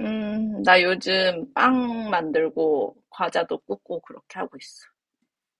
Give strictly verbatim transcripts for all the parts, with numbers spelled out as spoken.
음, 나 요즘 빵 만들고 과자도 굽고 그렇게 하고 있어.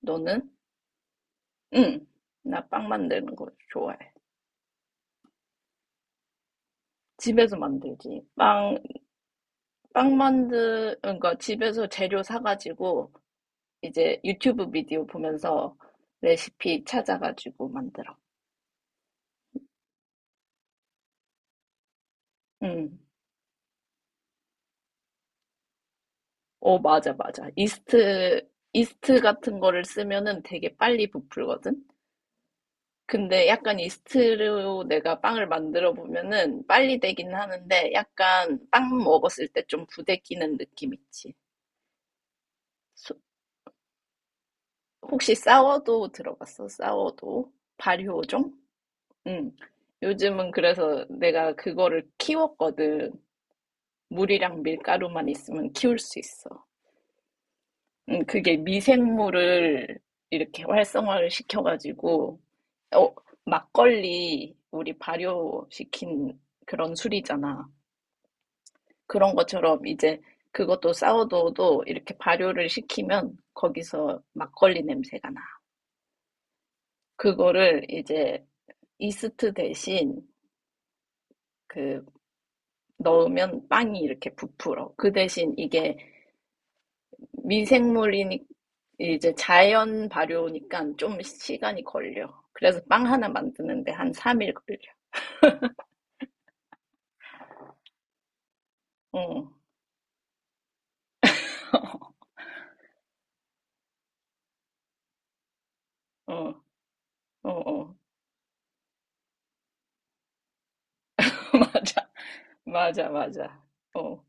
너는? 응. 나 빵 만드는 거 좋아해. 집에서 만들지. 빵, 빵 만드, 그러니까 집에서 재료 사가지고 이제 유튜브 비디오 보면서 레시피 찾아가지고 만들어. 응. 어, 맞아, 맞아. 이스트, 이스트 같은 거를 쓰면은 되게 빨리 부풀거든? 근데 약간 이스트로 내가 빵을 만들어 보면은 빨리 되긴 하는데 약간 빵 먹었을 때 좀 부대끼는 느낌 있지. 소- 혹시 싸워도 들어봤어? 싸워도? 발효종? 응. 요즘은 그래서 내가 그거를 키웠거든. 물이랑 밀가루만 있으면 키울 수 있어. 응, 그게 미생물을 이렇게 활성화를 시켜가지고, 어, 막걸리 우리 발효시킨 그런 술이잖아. 그런 것처럼 이제 그것도 사워도우도 이렇게 발효를 시키면 거기서 막걸리 냄새가 나. 그거를 이제 이스트 대신 그 넣으면 빵이 이렇게 부풀어. 그 대신 이게 미생물이니 이제 자연 발효니까 좀 시간이 걸려. 그래서 빵 하나 만드는데 한 삼 일 걸려. 어, 어, 어, 어. 맞아. 맞아, 맞아. 어.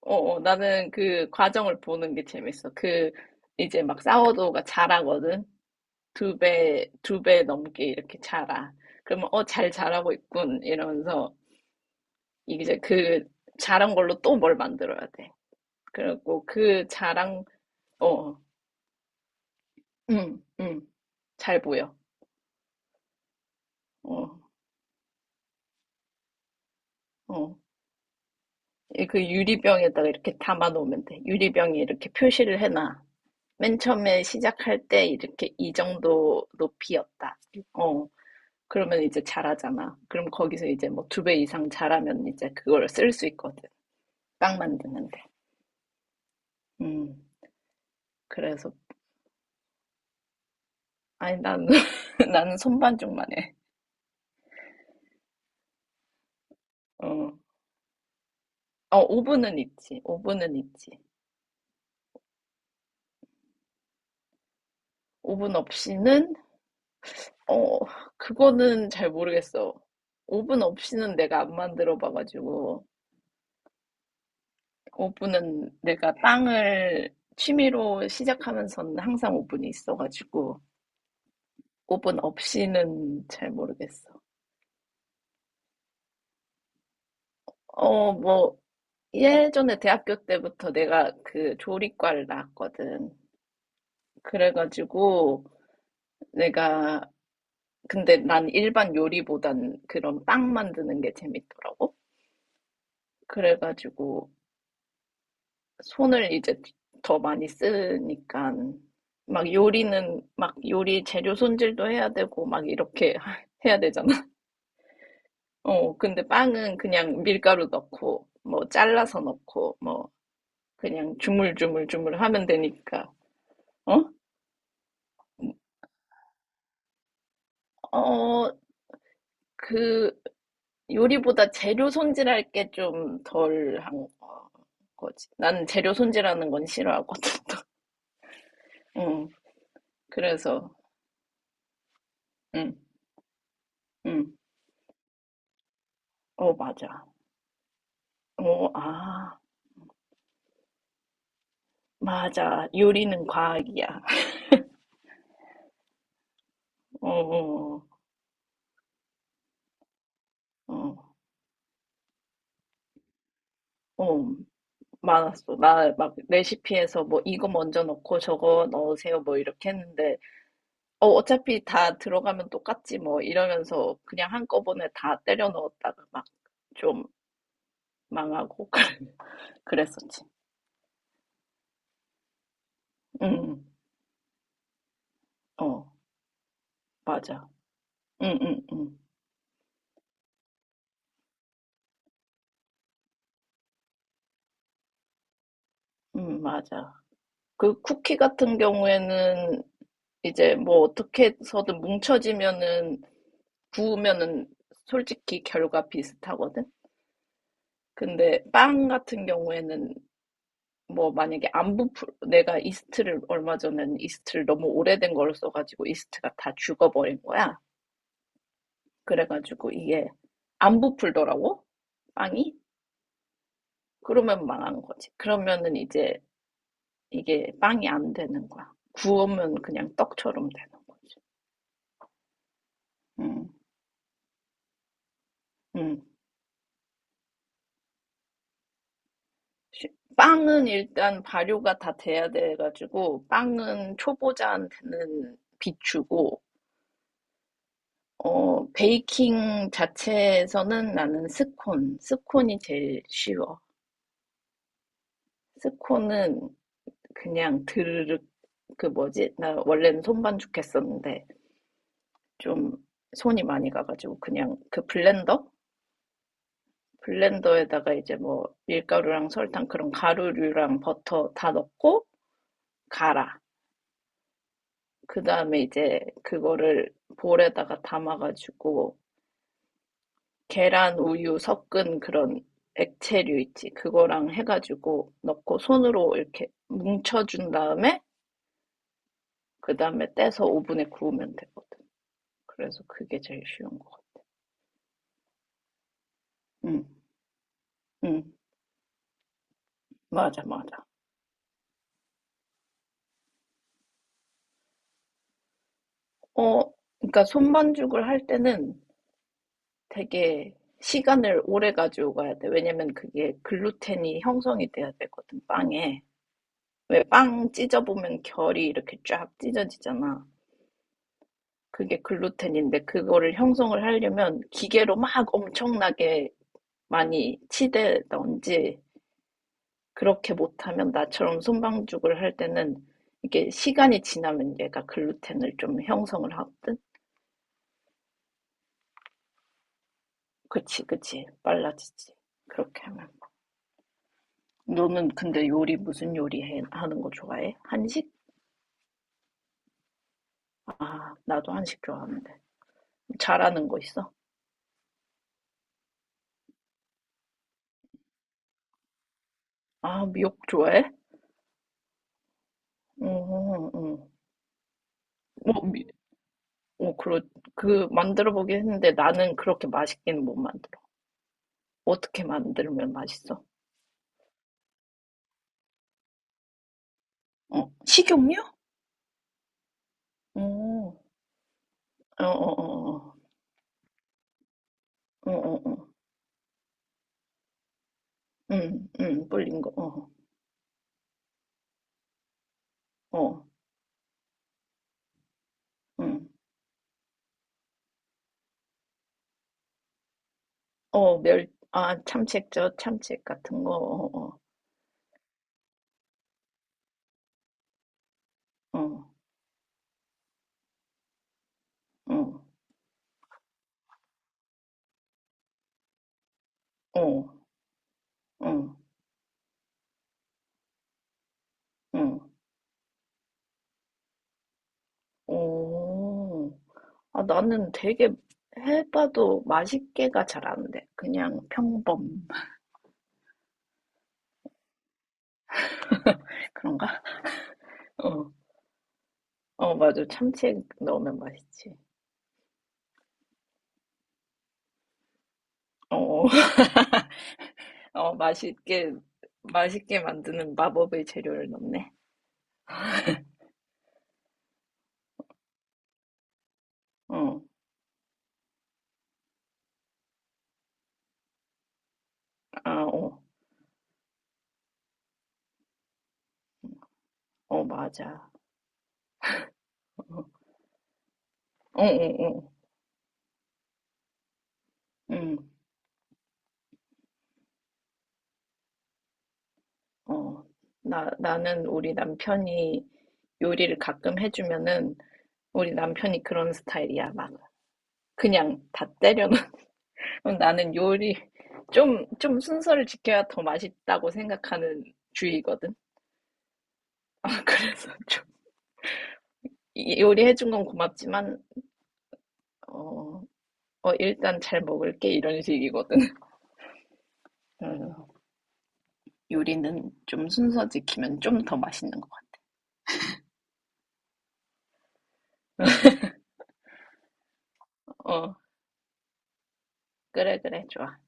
어어, 나는 그 과정을 보는 게 재밌어. 그, 이제 막 사워도우가 자라거든? 두 배, 두 배 넘게 이렇게 자라. 그러면, 어, 잘 자라고 있군. 이러면서, 이제 그 자란 걸로 또 뭘 만들어야 돼. 그리고 그 자랑, 어, 응, 응, 잘 보여. 어, 어. 이그 유리병에다가 이렇게 담아놓으면 돼. 유리병에 이렇게 표시를 해놔. 맨 처음에 시작할 때 이렇게 이 정도 높이였다. 어. 그러면 이제 잘하잖아. 그럼 거기서 이제 뭐 두 배 이상 잘하면 이제 그걸 쓸 수 있거든. 빵 만드는데. 음, 그래서, 아니, 나는, 나는 손반죽만 해. 어, 어, 오븐은 있지. 오븐은 있지. 오븐 없이는, 어, 그거는 잘 모르겠어. 오븐 없이는 내가 안 만들어 봐가지고, 오븐은 내가 빵을 취미로 시작하면서는 항상 오븐이 있어가지고, 오븐 없이는 잘 모르겠어. 어, 뭐, 예전에 대학교 때부터 내가 그 조리과를 나왔거든. 그래가지고 내가 근데 난 일반 요리보단 그런 빵 만드는 게 재밌더라고. 그래가지고 손을 이제 더 많이 쓰니까 막 요리는 막 요리 재료 손질도 해야 되고 막 이렇게 해야 되잖아. 어, 근데 빵은 그냥 밀가루 넣고 뭐 잘라서 넣고 뭐 그냥 주물주물주물 하면 되니까. 어? 어, 그 요리보다 재료 손질할 게 좀 덜 한 거지. 나는 재료 손질하는 건 싫어하거든. 응. 그래서 응, 응. 어, 맞아. 어, 아, 맞아. 요리는 과학이야. 어, 어, 어, 어. 많았어. 나 막 레시피에서 뭐 이거 먼저 넣고 저거 넣으세요 뭐 이렇게 했는데 어, 어차피 다 들어가면 똑같지 뭐 이러면서 그냥 한꺼번에 다 때려 넣었다가 막 좀 망하고 그랬었지. 응 응. 어, 맞아. 응 응 응 응, 맞아. 그 쿠키 같은 경우에는 이제 뭐 어떻게 해서든 뭉쳐지면은 구우면은 솔직히 결과 비슷하거든. 근데 빵 같은 경우에는 뭐 만약에 안 부풀, 내가 이스트를 얼마 전에는 이스트를 너무 오래된 걸 써가지고 이스트가 다 죽어버린 거야. 그래가지고 이게 안 부풀더라고, 빵이. 그러면 망한 거지. 그러면은 이제 이게 빵이 안 되는 거야. 구우면 그냥 떡처럼 되는 거지. 음, 음. 시- 빵은 일단 발효가 다 돼야 돼가지고, 빵은 초보자한테는 비추고, 어, 베이킹 자체에서는 나는 스콘, 스콘이 제일 쉬워. 스콘은 그냥 드르륵, 그 뭐지? 나 원래는 손반죽 했었는데, 좀 손이 많이 가가지고, 그냥 그 블렌더? 블렌더에다가 이제 뭐 밀가루랑 설탕 그런 가루류랑 버터 다 넣고 갈아. 그 다음에 이제 그거를 볼에다가 담아가지고 계란 우유 섞은 그런 액체류 있지. 그거랑 해가지고 넣고 손으로 이렇게 뭉쳐준 다음에 그 다음에 떼서 오븐에 구우면 되거든. 그래서 그게 제일 쉬운 거 같아. 응, 응, 맞아, 맞아. 어, 그러니까 손반죽을 할 때는 되게 시간을 오래 가지고 가야 돼. 왜냐면 그게 글루텐이 형성이 돼야 되거든, 빵에. 왜 빵 찢어보면 결이 이렇게 쫙 찢어지잖아. 그게 글루텐인데 그거를 형성을 하려면 기계로 막 엄청나게 많이 치대던지 그렇게 못하면 나처럼 손방죽을 할 때는 이게 시간이 지나면 얘가 글루텐을 좀 형성을 하거든? 그치, 그치. 빨라지지. 그렇게 하면. 너는 근데 요리 무슨 요리 해, 하는 거 좋아해? 한식? 아, 나도 한식 좋아하는데. 잘하는 거 있어? 아, 미역 좋아해? 응, 응. 뭐, 미, 어, 그러, 그, 만들어 보긴 했는데 나는 그렇게 맛있게는 못 만들어. 어떻게 만들면 맛있어? 어, 식용유? 어, 어, 어, 어, 어, 어, 어, 응, 응, 불린 거, 어, 어, 응, 어, 멸, 아, 참치액젓, 참치액 같은 거, 어, 어, 어, 어, 어, 어, 어. 어, 아, 나는 되게 해봐도 맛있게가 잘 안 돼. 그냥 평범. 그런가? 어, 어, 맞아. 참치 넣으면 맛있지. 어, 어, 맛있게, 맛있게 만드는 마법의 재료를 넣네. 어, 아, 어, 어, 맞아. 어, 어, 어, 어, 응, 어. 나, 나는 우리 남편이 요리를 가끔 해주면은 우리 남편이 그런 스타일이야. 막, 그냥 다 때려 그럼 나는 요리 좀, 좀 순서를 지켜야 더 맛있다고 생각하는 주의거든. 그래서 좀 이- 요리해준 건 고맙지만, 어, 어, 일단 잘 먹을게 이런 식이거든. 어, 요리는 좀 순서 지키면 좀 더 맛있는 것 같아. 어, 그래, 그래, 좋아.